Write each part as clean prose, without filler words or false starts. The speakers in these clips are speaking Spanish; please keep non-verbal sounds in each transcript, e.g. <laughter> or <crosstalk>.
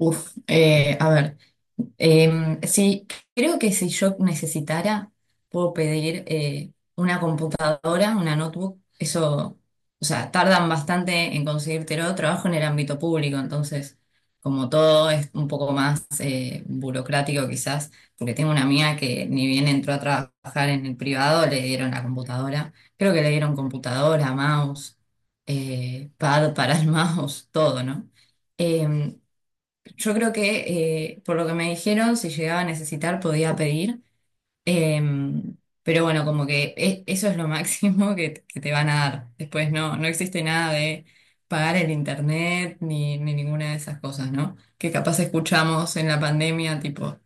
A ver, sí, creo que si yo necesitara, puedo pedir una computadora, una notebook, eso, o sea, tardan bastante en conseguírtelo, trabajo en el ámbito público, entonces, como todo es un poco más burocrático quizás, porque tengo una amiga que ni bien entró a trabajar en el privado, le dieron la computadora, creo que le dieron computadora, mouse, pad para el <laughs> mouse, todo, ¿no? Em, yo creo que, por lo que me dijeron, si llegaba a necesitar podía pedir, em, pero bueno, como que eso es lo <laughs> máximo que te van a dar. Después no, no existe nada de pagar el internet ni, ni ninguna de esas cosas, ¿no? Que capaz escuchamos en la pandemia, tipo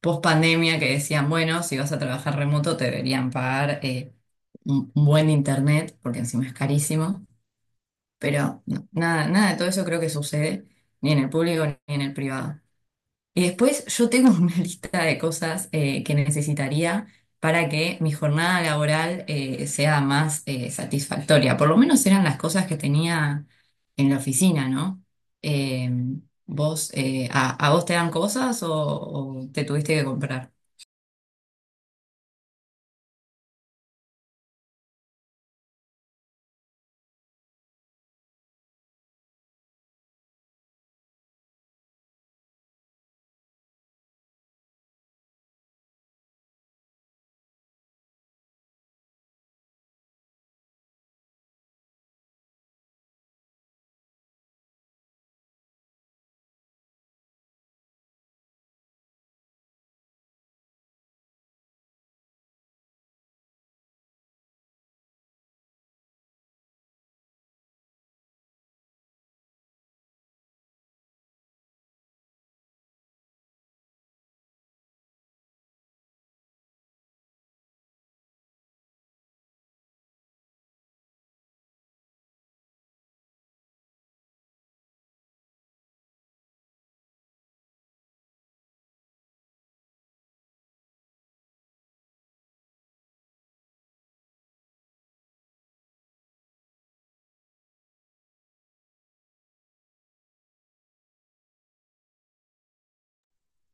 post pandemia, que decían, bueno, si vas a trabajar remoto te deberían pagar un buen internet, porque encima es carísimo, pero no, nada, nada de todo eso creo que sucede, ni en el público ni en el privado. Y después yo tengo <laughs> una lista de cosas que necesitaría para que mi jornada laboral sea más satisfactoria. Por lo menos eran las cosas que tenía en la oficina, ¿no? Eh, vos, ¿a vos te dan cosas o te tuviste que comprar?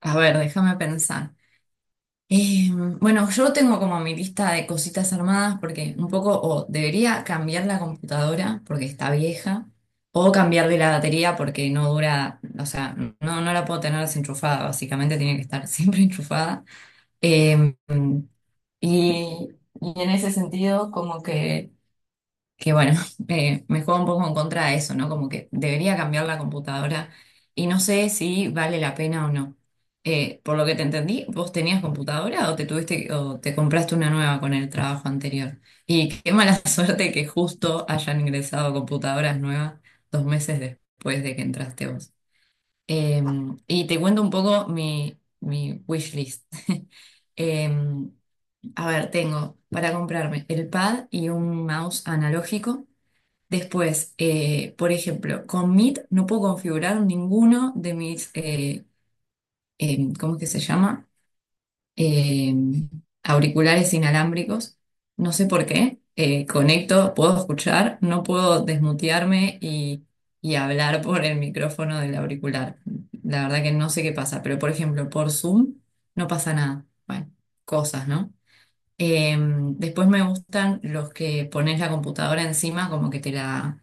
A ver, déjame pensar. Eh, bueno, yo tengo como mi lista de cositas armadas porque un poco o debería cambiar la computadora porque está vieja o cambiarle la batería porque no dura, o sea, no, no la puedo tener desenchufada, básicamente tiene que estar siempre <laughs> enchufada. Eh, y, y en ese sentido, como que bueno, <laughs> me juega un poco en contra de eso, ¿no? Como que debería cambiar la computadora y no sé si vale la pena o no. Por lo que te entendí, ¿vos tenías computadora o te tuviste o te compraste una nueva con el trabajo anterior? Y qué mala <laughs> suerte que justo hayan ingresado computadoras nuevas dos meses después de que entraste vos. Eh, y te cuento un poco mi wish list. Eh, a ver, tengo para comprarme el pad y un mouse analógico. Después, por ejemplo, con Meet no puedo configurar ninguno de mis, ¿cómo es que se llama? Em, auriculares inalámbricos. No sé por qué. Conecto, puedo escuchar, no puedo desmutearme y hablar por el micrófono del auricular. La verdad que no sé qué pasa, pero por ejemplo, por Zoom no pasa nada. Bueno, cosas, ¿no? Después me gustan los que pones la computadora encima, como que te la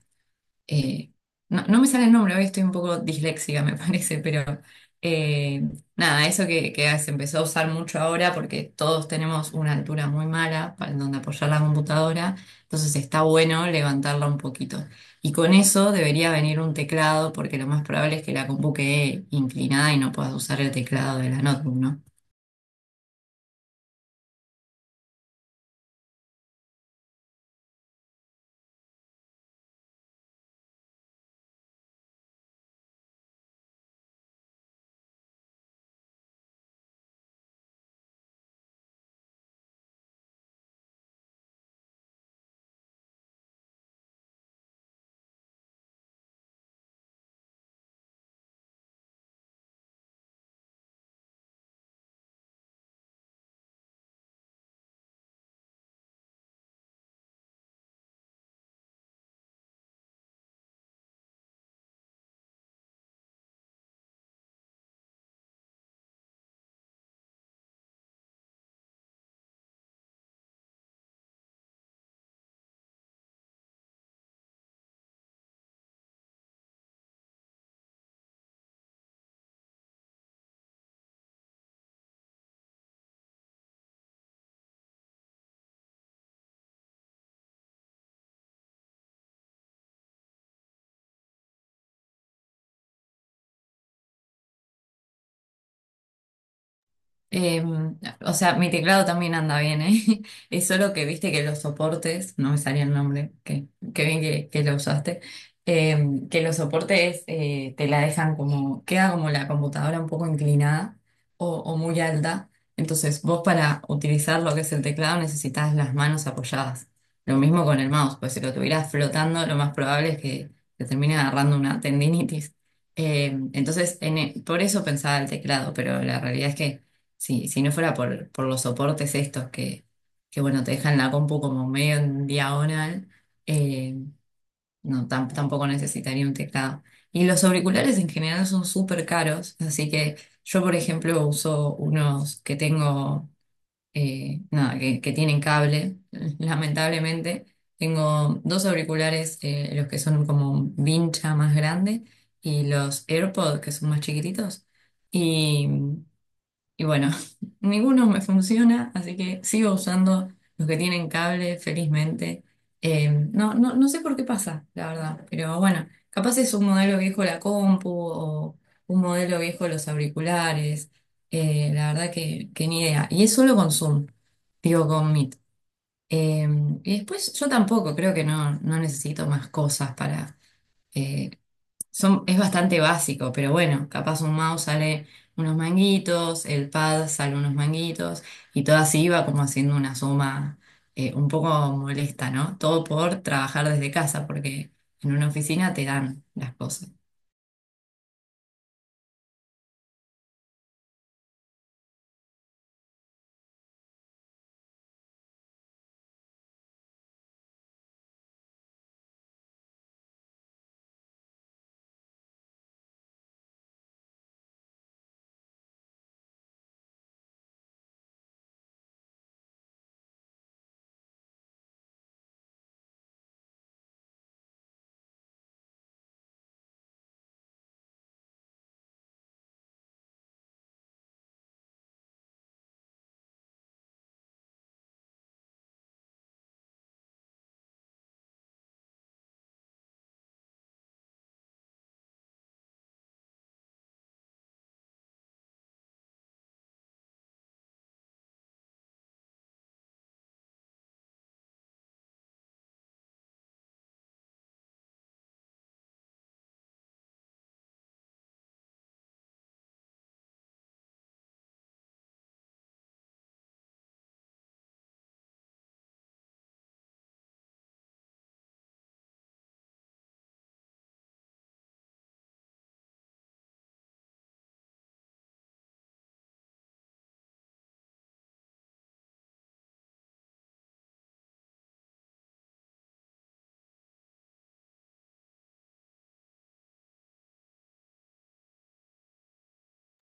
eh, no, no me sale el nombre, hoy estoy un poco disléxica, me <laughs> parece, pero eh, nada, eso que se empezó a usar mucho ahora porque todos tenemos una altura muy mala para en donde apoyar la computadora, entonces está bueno levantarla un poquito. Y con eso debería venir un teclado porque lo más probable es que la compu quede inclinada y no puedas usar el teclado de la notebook, ¿no? Eh, o sea, mi teclado también anda bien, ¿eh? <laughs> Es solo que viste que los soportes, no me salía el nombre, que bien que lo usaste, eh, que los soportes te la dejan como, queda como la computadora un poco inclinada o muy alta. Entonces, vos para utilizar lo que es el teclado necesitas las manos apoyadas. Lo mismo con el mouse, pues si lo tuvieras flotando, lo más probable es que te termine agarrando una tendinitis. Eh, entonces, por eso pensaba el teclado, pero la realidad es que sí, si no fuera por los soportes estos que, bueno, te dejan la compu como medio en diagonal, eh, no, tampoco necesitaría un teclado. Y los auriculares en general son súper caros, así que yo, por ejemplo, uso unos que tengo, nada, que tienen cable, <laughs> lamentablemente. Tengo dos auriculares, los que son como un vincha más grande y los AirPods, que son más chiquititos. Y bueno, <laughs> ninguno me funciona, así que sigo usando los que tienen cable, felizmente. No, no sé por qué pasa, la verdad, pero bueno, capaz es un modelo viejo la compu o un modelo viejo los auriculares. La verdad que ni idea. Y es solo con Zoom, digo con Meet. Eh, y después yo tampoco creo que no, no necesito más cosas para eh, es bastante básico, pero bueno, capaz un mouse sale unos manguitos, el pad sale unos manguitos, y todo así iba como haciendo una suma un poco molesta, ¿no? Todo por trabajar desde casa, porque en una oficina te dan las cosas.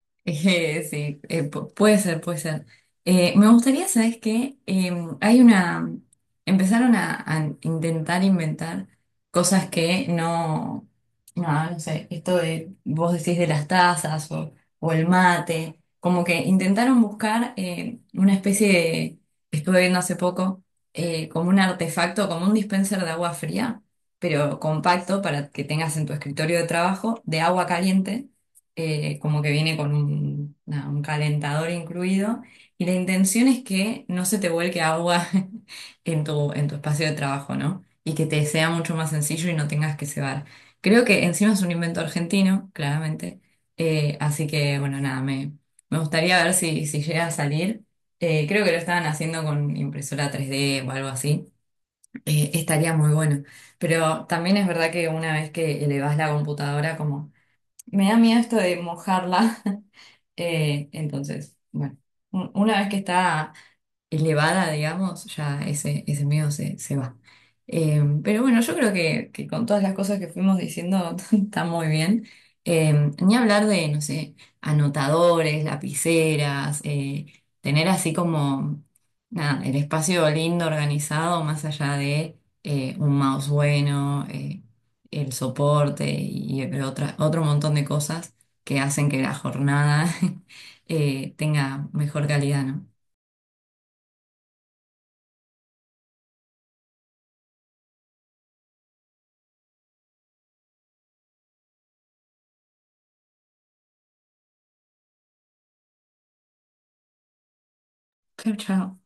<laughs> Sí, puede ser, puede ser. Me gustaría, ¿sabes qué? Hay una... empezaron a intentar inventar cosas que no... No, no sé, esto de vos decís de las tazas o el mate, como que intentaron buscar una especie de... Estuve viendo hace poco como un artefacto, como un dispenser de agua fría, pero compacto para que tengas en tu escritorio de trabajo, de agua caliente como que viene con un, nada, un calentador incluido, y la intención es que no se te vuelque agua <laughs> en tu espacio de trabajo, ¿no? Y que te sea mucho más sencillo y no tengas que cebar. Creo que encima es un invento argentino, claramente, así que bueno, nada, me gustaría ver si, si llega a salir. Creo que lo estaban haciendo con impresora 3D o algo así. Estaría muy bueno. Pero también es verdad que una vez que elevás la computadora, como me da miedo esto de mojarla. <laughs> Entonces, bueno, una vez que está elevada, digamos, ya ese miedo se, se va. Pero bueno, yo creo que con todas las cosas que fuimos diciendo <laughs> está muy bien. Ni hablar de, no sé, anotadores, lapiceras, tener así como, nada, el espacio lindo, organizado, más allá de un mouse bueno, el soporte y, otro montón de cosas que hacen que la jornada <laughs> tenga mejor calidad, ¿no? Chao, chao.